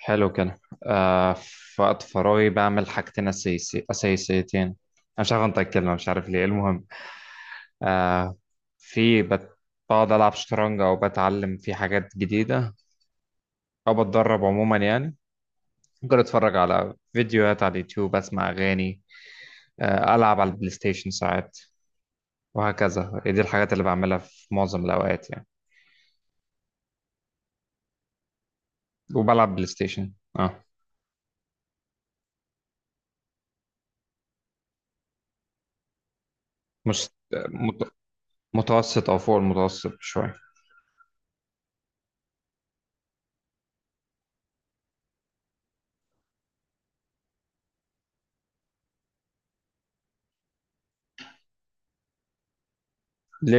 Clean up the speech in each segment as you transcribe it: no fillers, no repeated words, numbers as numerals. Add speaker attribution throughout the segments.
Speaker 1: حلو كده. آه، في وقت فراغي بعمل حاجتين أساسيتين أنا مش عارف أنطق الكلمة، مش عارف ليه. المهم، آه في بت... بقعد ألعب شطرنج، أو بتعلم في حاجات جديدة، أو بتدرب عموما يعني. ممكن أتفرج على فيديوهات على اليوتيوب، أسمع أغاني، ألعب على البلاي ستيشن ساعات، وهكذا. دي الحاجات اللي بعملها في معظم الأوقات يعني. وبلعب بلاي ستيشن. أه، مش مت- متوسط أو فوق المتوسط شوية.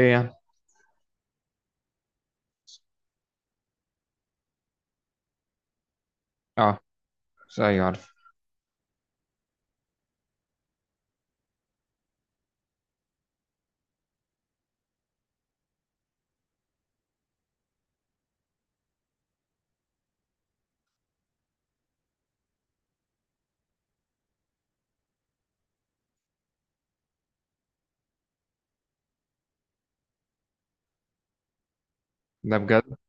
Speaker 1: ليه يعني؟ أه، أيوة عارف. ده بجد؟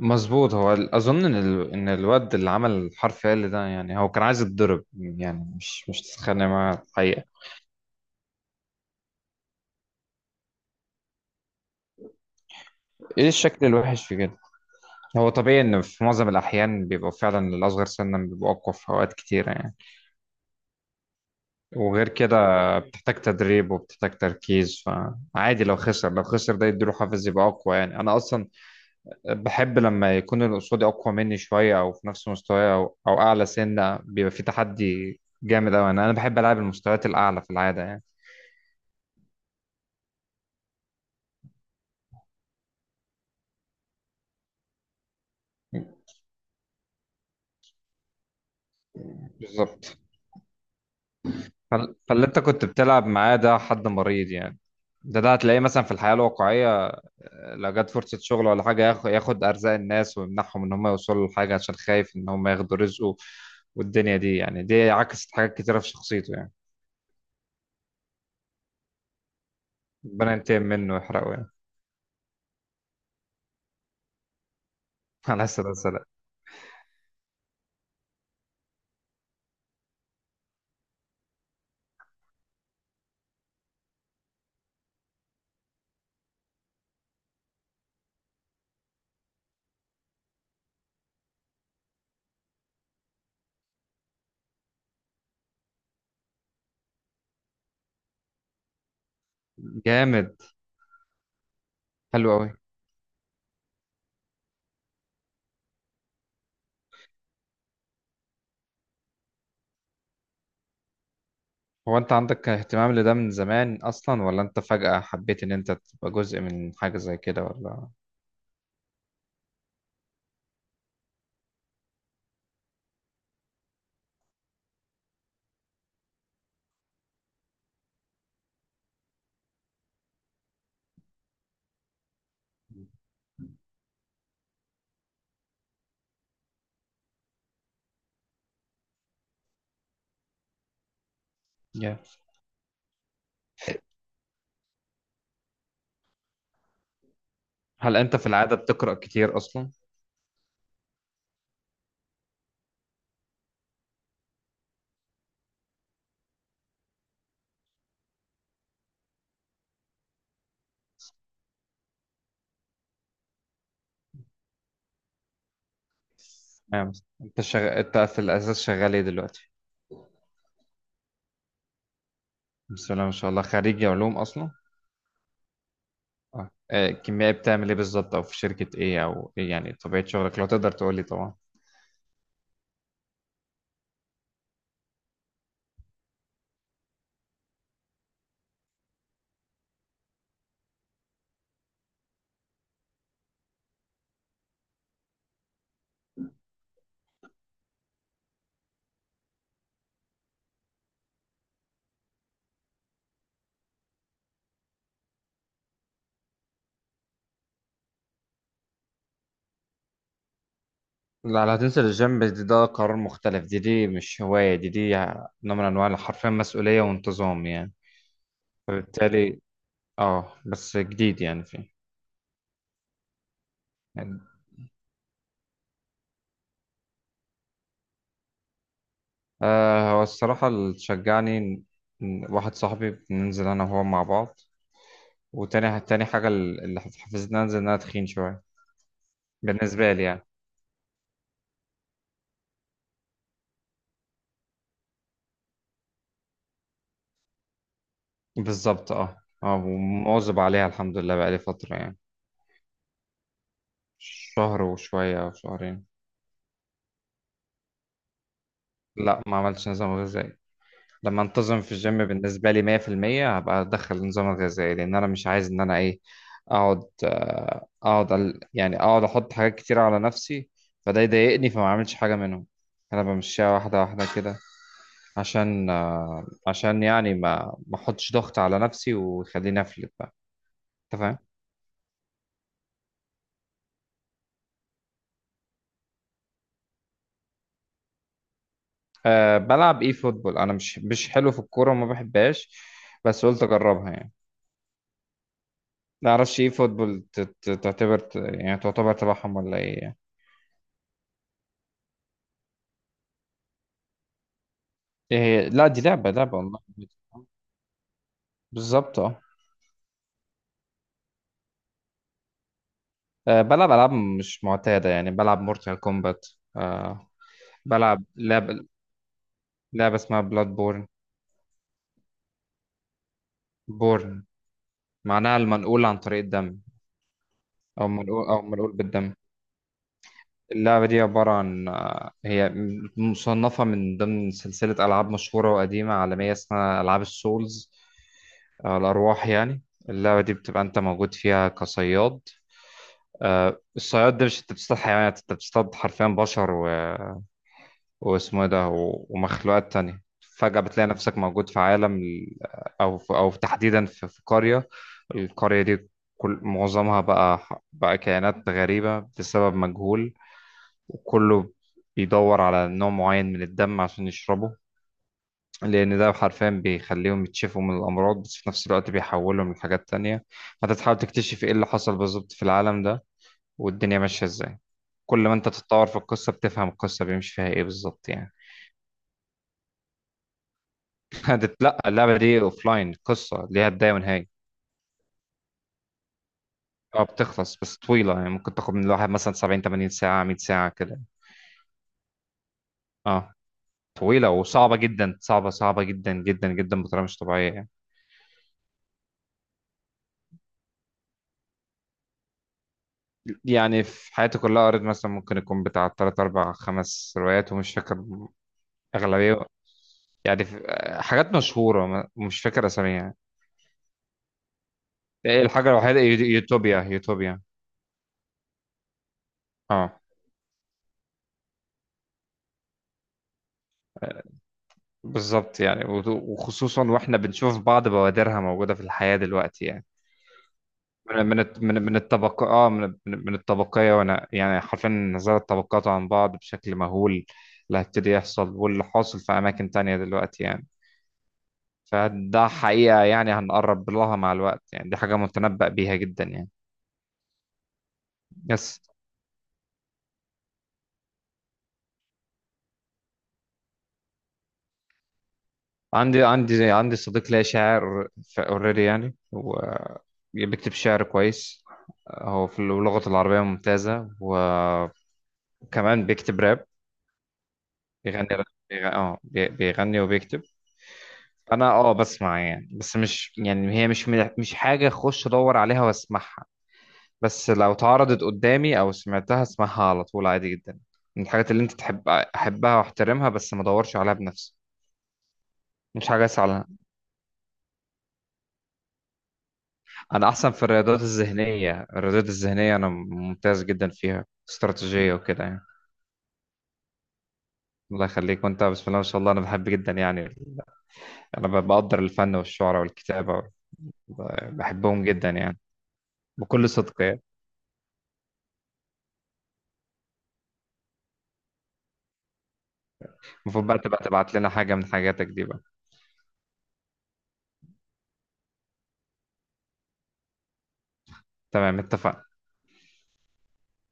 Speaker 1: مظبوط، هو ان الواد اللي عمل الحرف ال ده يعني هو كان عايز يتضرب يعني، مش تتخانق معاه الحقيقه. ايه الشكل الوحش في كده؟ هو طبيعي ان في معظم الاحيان بيبقوا فعلا الاصغر سنا بيبقوا اقوى في اوقات كتيره يعني. وغير كده بتحتاج تدريب وبتحتاج تركيز، فعادي لو خسر، لو خسر ده يديله حافز يبقى اقوى يعني. انا اصلا بحب لما يكون اللي قصادي اقوى مني شويه، او في نفس مستواي، او او اعلى سنه، بيبقى في تحدي جامد قوي. انا بحب العب المستويات الاعلى في العاده يعني. بالظبط، فاللي انت كنت بتلعب معاه ده حد مريض يعني. ده هتلاقيه مثلا في الحياة الواقعية. آه، لو جت فرصة شغل ولا حاجة ياخد أرزاق الناس ويمنعهم إن هم يوصلوا لحاجة عشان خايف إن هم ياخدوا رزقه. والدنيا دي يعني دي عكست حاجات كتيرة في شخصيته يعني. ربنا ينتقم منه ويحرقه يعني. على السلامة السلام. جامد. حلو أوي. هو أنت عندك اهتمام لده من زمان أصلا، ولا أنت فجأة حبيت إن أنت تبقى جزء من حاجة زي كده ولا؟ yeah. هل أنت في العادة بتقرأ كتير أصلا؟ ايوه مصر. انت انت في الاساس شغال ايه دلوقتي؟ بسم الله ما شاء الله، خريج علوم اصلا. اه آه، كيميائي بتعمل ايه بالظبط، او في شركة ايه، او ايه يعني طبيعة شغلك لو تقدر تقول لي طبعا. لا لا، هتنزل الجيم دي ده قرار مختلف. دي مش هواية، دي نوع من انواع حرفيا مسؤولية وانتظام يعني. فبالتالي اه بس جديد يعني فيه. يعني آه، هو الصراحة اللي شجعني إن واحد صاحبي بننزل انا وهو مع بعض. وتاني حاجة اللي حفزتني انزل ان انا تخين شوية، بالنسبة لي يعني. بالظبط اه اه، ومواظب عليها الحمد لله بقالي فترة يعني. شهر وشوية أو شهرين. لا ما عملتش نظام غذائي. لما انتظم في الجيم بالنسبة لي 100% هبقى أدخل نظام غذائي، لأن أنا مش عايز إن أنا إيه، أقعد آه، أقعد ال- يعني أقعد أحط حاجات كتير على نفسي فده يضايقني فما أعملش حاجة منهم. أنا بمشيها واحدة واحدة كده، عشان آه، عشان يعني ما أحطش ضغط على نفسي ويخليني أفلت بقى. أنت فاهم؟ أه بلعب ايه فوتبول. انا مش حلو في الكوره وما بحبهاش، بس قلت اجربها يعني. ما اعرفش ايه فوتبول تعتبر يعني تعتبر تبعهم ولا ايه يعني. ايه هي، لا دي لعبه، لعبه والله. بالظبط اه. آه، بلعب العاب مش معتاده يعني، بلعب مورتال كومبات. أه بلعب لعبه اسمها بلاد بورن. بورن معناها المنقول عن طريق الدم، او منقول، او منقول بالدم. اللعبة دي عبارة عن آه، هي مصنفة من ضمن سلسلة ألعاب مشهورة وقديمة عالمية اسمها ألعاب السولز. آه، الأرواح يعني. اللعبة دي بتبقى أنت موجود فيها كصياد. آه، الصياد ده مش أنت بتصطاد حيوانات، أنت بتصطاد حرفيا بشر واسمه إيه ده ومخلوقات تانية. فجأة بتلاقي نفسك موجود في عالم ال- أو في... أو تحديدا في قرية. القرية دي كل معظمها بقى، بقى كائنات غريبة بسبب مجهول، وكله بيدور على نوع معين من الدم عشان يشربه، لأن ده حرفيا بيخليهم يتشفوا من الأمراض، بس في نفس الوقت بيحولهم لحاجات تانية. فأنت تحاول تكتشف إيه اللي حصل بالظبط في العالم ده، والدنيا ماشية إزاي. كل ما أنت تتطور في القصة بتفهم القصة بيمشي فيها إيه بالظبط يعني. لأ اللعبة دي أوفلاين، قصة ليها بداية ونهاية. اه بتخلص، بس طويلة يعني ممكن تاخد من الواحد مثلا 70 80 ساعة، 100 ساعة كده. اه طويلة وصعبة جدا، صعبة جدا جدا جدا بطريقة مش طبيعية يعني. يعني في حياتي كلها قريت مثلا ممكن يكون بتاع تلات أربع خمس روايات ومش فاكر أغلبية يعني. في حاجات مشهورة مش فاكر أساميها. يعني الحاجة الوحيدة يوتوبيا، يوتوبيا. اه، بالظبط يعني، وخصوصا واحنا بنشوف بعض بوادرها موجودة في الحياة دلوقتي يعني. من من الطبق اه، من الطبقية. وانا يعني حرفيا نزلت الطبقات عن بعض بشكل مهول، اللي هيبتدي يحصل واللي حاصل في أماكن تانية دلوقتي يعني. فده حقيقة يعني هنقرب لها مع الوقت يعني، دي حاجة متنبأ بيها جدا يعني. بس عندي صديق ليا شاعر اوريدي يعني، و بيكتب شعر كويس. هو في اللغة العربية ممتازة، وكمان بيكتب راب، بيغني راب، بيغني وبيكتب. انا اه بسمع يعني، بس مش يعني هي مش حاجة اخش ادور عليها واسمعها. بس لو اتعرضت قدامي او سمعتها اسمعها على طول عادي جدا. من الحاجات اللي انت تحب، احبها واحترمها بس ما ادورش عليها بنفسي. مش حاجه اسعى لها. انا احسن في الرياضات الذهنيه، الرياضات الذهنيه انا ممتاز جدا فيها، استراتيجيه وكده يعني. الله يخليك. وانت بسم الله ما شاء الله. انا بحب جدا يعني ال-، انا بقدر الفن والشعر والكتابه، بحبهم جدا يعني، بكل صدق يعني. المفروض بقى تبقى تبعت لنا حاجه من حاجاتك دي بقى. تمام، اتفقنا.